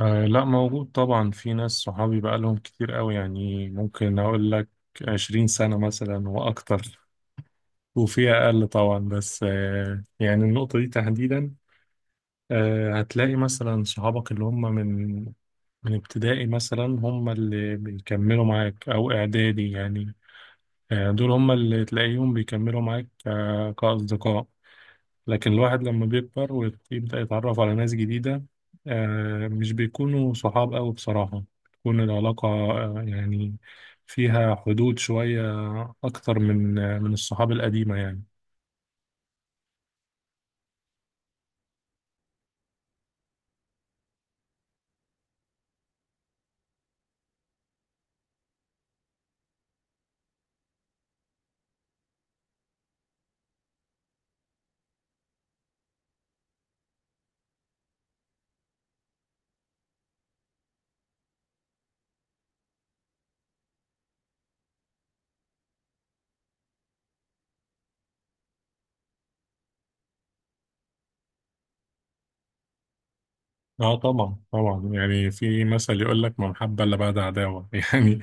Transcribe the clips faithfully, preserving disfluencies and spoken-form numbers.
آه، لا، موجود طبعا. في ناس صحابي بقالهم كتير قوي، يعني ممكن أقول لك عشرين سنة مثلا وأكتر، وفي أقل طبعا. بس آه يعني النقطة دي تحديدا، آه هتلاقي مثلا صحابك اللي هم من من ابتدائي مثلا، هم اللي بيكملوا معاك، أو إعدادي يعني. آه دول هم اللي تلاقيهم بيكملوا معاك آه كأصدقاء. لكن الواحد لما بيكبر ويبدأ يتعرف على ناس جديدة، آه، مش بيكونوا صحاب أوي بصراحة. بتكون العلاقة، آه، يعني فيها حدود شوية أكتر من، آه، من الصحاب القديمة يعني. اه طبعا طبعا، يعني في مثل يقول لك ما محبة الا بعد عداوة يعني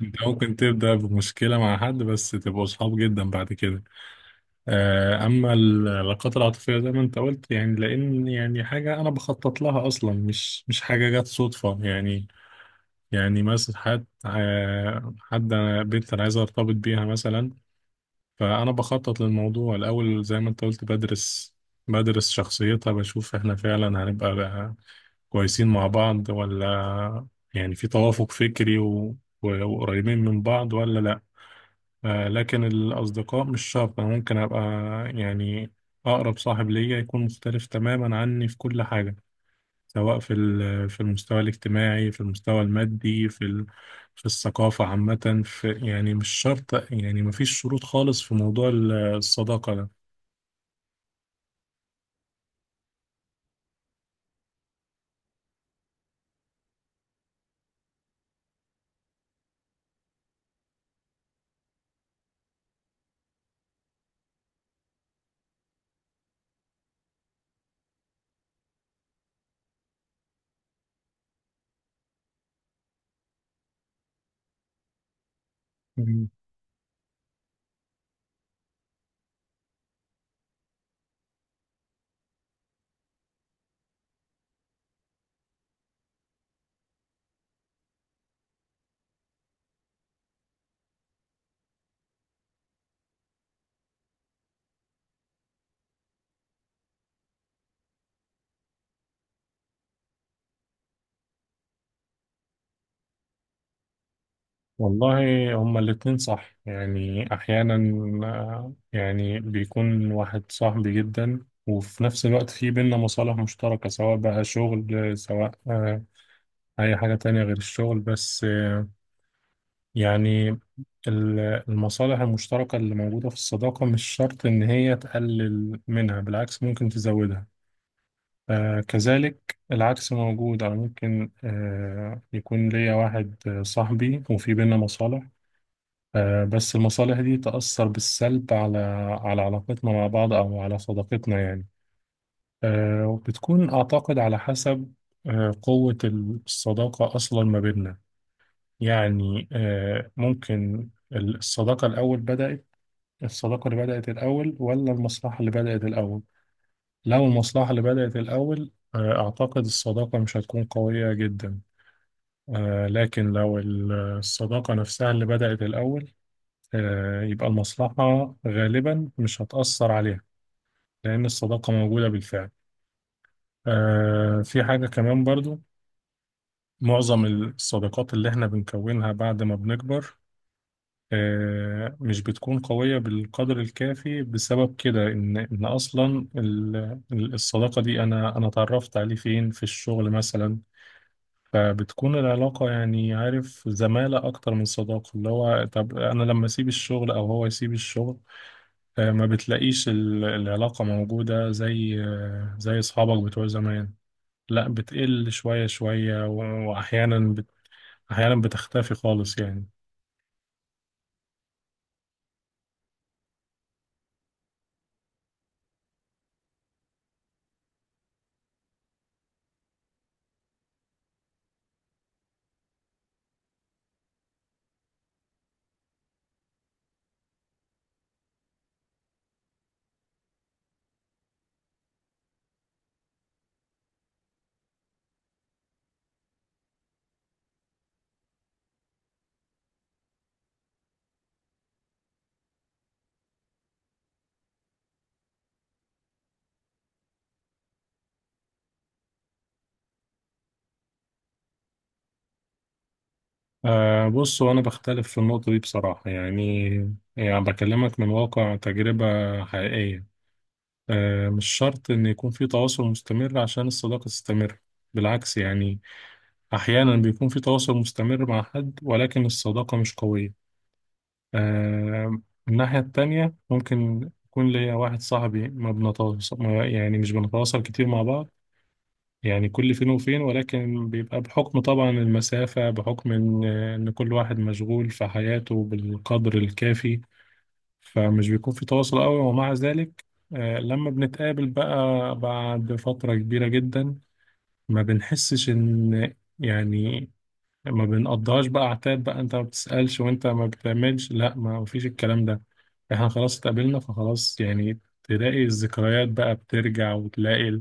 انت ممكن تبدأ بمشكلة مع حد بس تبقوا صحاب جدا بعد كده. آه، اما العلاقات العاطفية زي ما انت قلت، يعني لان يعني حاجة انا بخطط لها اصلا، مش مش حاجة جت صدفة يعني. يعني مثلا حد، آه، حد أنا بنت أنا عايز أرتبط بيها مثلا، فأنا بخطط للموضوع الأول زي ما أنت قلت. بدرس بدرس شخصيتها، بشوف إحنا فعلا هنبقى بقى كويسين مع بعض، ولا يعني في توافق فكري و... و- وقريبين من بعض ولا لأ. آه، لكن الأصدقاء مش شرط. أنا ممكن أبقى يعني أقرب صاحب ليا يكون مختلف تماما عني في كل حاجة، سواء في ال- في المستوى الاجتماعي، في المستوى المادي، في ال- في الثقافة عامة، في يعني مش شرط، يعني مفيش شروط خالص في موضوع ال- الصداقة ده. مم. والله هما الاتنين صح، يعني أحيانا آه، يعني بيكون واحد صاحبي جدا، وفي نفس الوقت في بينا مصالح مشتركة، سواء بقى شغل، سواء آه، أي حاجة تانية غير الشغل. بس يعني ال- المصالح المشتركة اللي موجودة في الصداقة مش شرط إن هي تقلل منها، بالعكس ممكن تزودها. آه، كذلك العكس موجود. أو ممكن آه يكون ليا واحد، آه، صاحبي وفي بينا مصالح، آه، بس المصالح دي تأثر بالسلب على على علاقتنا مع بعض، أو على صداقتنا يعني. آه، وبتكون أعتقد على حسب آه قوة الصداقة أصلا ما بيننا. يعني آه، ممكن الصداقة الأول بدأت الصداقة اللي بدأت الأول، ولا المصلحة اللي بدأت الأول. لو المصلحة اللي بدأت الأول، آه، أعتقد الصداقة مش هتكون قوية جدا. آه، لكن لو ال- الصداقة نفسها اللي بدأت الأول، آه، يبقى المصلحة غالبا مش هتأثر عليها، لأن الصداقة موجودة بالفعل. آه، في حاجة كمان برضو: معظم الصداقات اللي احنا بنكونها بعد ما بنكبر، آه، مش بتكون قوية بالقدر الكافي، بسبب كده، إن إن أصلا ال- ال- الصداقة دي أنا أنا اتعرفت عليه فين؟ في الشغل مثلا. فبتكون العلاقة يعني عارف زمالة أكتر من صداقة. اللي هو طب أنا لما أسيب الشغل أو هو يسيب الشغل، آه، ما بتلاقيش ال- العلاقة موجودة زي، آه، زي أصحابك بتوع زمان. لا، بتقل شوية شوية و- وأحيانا بت- أحيانا بتختفي خالص يعني. أه بص، هو أنا بختلف في النقطة دي بصراحة. يعني يعني بكلمك من واقع تجربة حقيقية. أه، مش شرط إن يكون في تواصل مستمر عشان الصداقة تستمر. بالعكس يعني، أحيانا بيكون في تواصل مستمر مع حد ولكن الصداقة مش قوية. أه، من الناحية التانية ممكن يكون ليا واحد صاحبي ما بنتواصل ما- يعني مش بنتواصل كتير مع بعض. يعني كل فين وفين، ولكن بيبقى بحكم طبعا المسافة، بحكم إن إن كل واحد مشغول في حياته بالقدر الكافي، فمش بيكون في تواصل قوي. ومع ذلك، آه، لما بنتقابل بقى بعد فترة كبيرة جدا، ما بنحسش إن يعني ما بنقضيهاش بقى عتاب، بقى أنت ما بتسألش وأنت ما بتعملش. لا، ما فيش الكلام ده. إحنا خلاص اتقابلنا فخلاص. يعني تلاقي الذكريات بقى بترجع، وتلاقي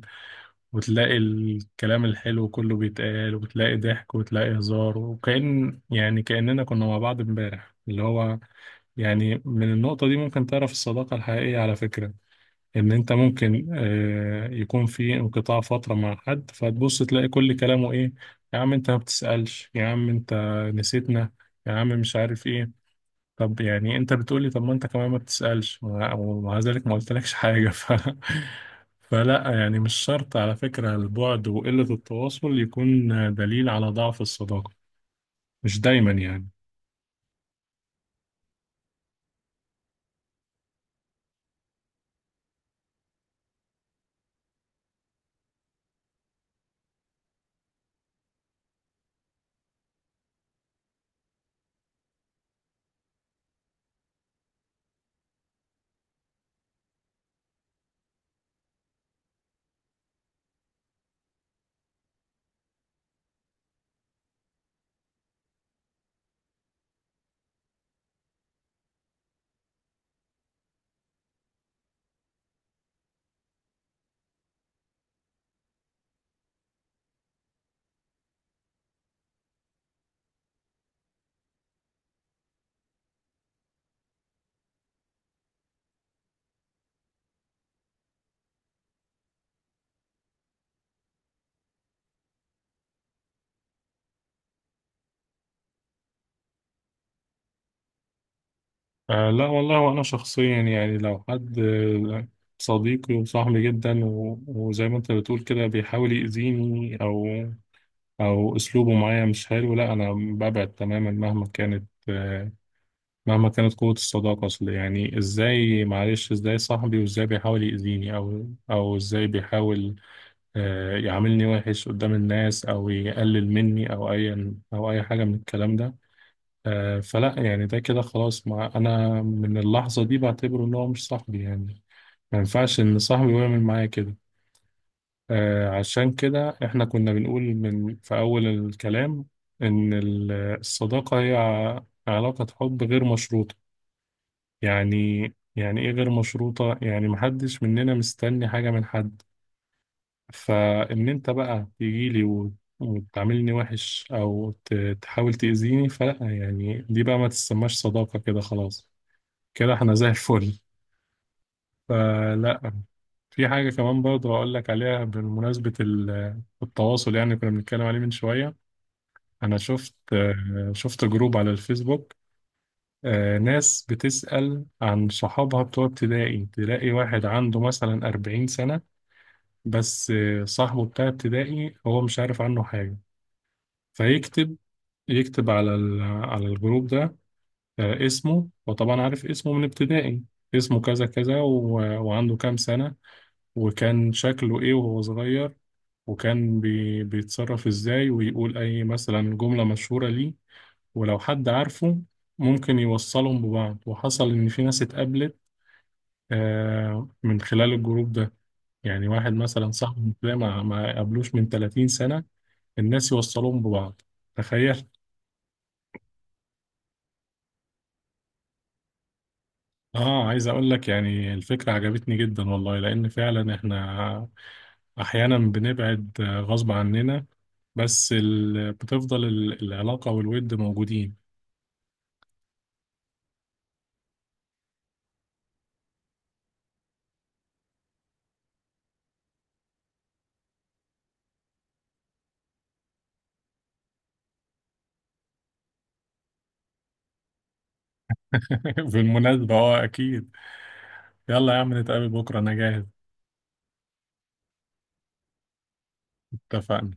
وتلاقي الكلام الحلو كله بيتقال، وتلاقي ضحك، وتلاقي هزار، وكأن يعني كأننا كنا مع بعض امبارح. اللي هو يعني من النقطة دي ممكن تعرف الصداقة الحقيقية على فكرة. إن أنت ممكن آه يكون في انقطاع فترة مع حد، فتبص تلاقي كل كلامه إيه: يا عم أنت ما بتسألش، يا عم أنت نسيتنا، يا عم مش عارف إيه. طب يعني انت بتقولي طب ما انت كمان ما بتسألش ومع ومع ذلك ما قلتلكش حاجة ف... فلا، يعني مش شرط على فكرة البعد وقلة التواصل يكون دليل على ضعف الصداقة، مش دايما يعني. آه، لا والله. وانا شخصيا يعني لو حد، آه، صديقي وصاحبي جدا و... وزي ما انت بتقول كده بيحاول يأذيني، او او اسلوبه معايا مش حلو، لا انا ببعد تماما مهما كانت، مهما كانت قوة الصداقة. أصل يعني إزاي؟ معلش، إزاي صاحبي وإزاي بيحاول يأذيني؟ أو أو إزاي بيحاول، آه، يعاملني وحش قدام الناس، أو يقلل مني، أو أي أو أي حاجة من الكلام ده. آه، فلا يعني ده كده خلاص. مع أنا من اللحظة دي بعتبره إن هو مش صاحبي يعني. ما ينفعش إن صاحبي يعمل معايا كده. آه، عشان كده إحنا كنا بنقول من في أول الكلام إن ال- الصداقة هي ع- علاقة حب غير مشروطة. يعني، يعني ايه غير مشروطة؟ يعني محدش مننا مستني حاجة من حد. فان انت بقى تجيلي و- وتعاملني وحش، او ت- تحاول تأذيني، فلا، يعني دي بقى ما تسماش صداقة، كده خلاص. كده احنا زي الفل. فلا. في حاجة كمان برضه هقول لك عليها، بمناسبة ال- التواصل يعني، كنا بنتكلم عليه من شوية. انا شفت، آه، شفت جروب على الفيسبوك. آه، ناس بتسأل عن صحابها بتوع ابتدائي. تلاقي واحد عنده مثلا أربعين سنة، بس آه، صاحبه بتاع ابتدائي هو مش عارف عنه حاجة، فيكتب يكتب على ال- على الجروب ده، آه، اسمه. وطبعا عارف اسمه من ابتدائي. اسمه كذا كذا، و- وعنده كام سنة، وكان شكله ايه وهو صغير، وكان بي بيتصرف ازاي، ويقول اي مثلا جملة مشهورة ليه. ولو حد عارفه، ممكن يوصلهم ببعض. وحصل إن في ناس اتقابلت، آه، من خلال الجروب ده. يعني واحد مثلا صاحبي ده ما ما قابلوش من 30 سنة، الناس يوصلوهم ببعض، تخيل. اه، عايز اقول لك يعني الفكرة عجبتني جدا والله، لان فعلا احنا احيانا بنبعد، آه، غصب عننا، بس ال... بتفضل ال- العلاقة والود موجودين. بالمناسبة اه اكيد. يلا يا عم نتقابل بكرة، انا جاهز. اتفقنا.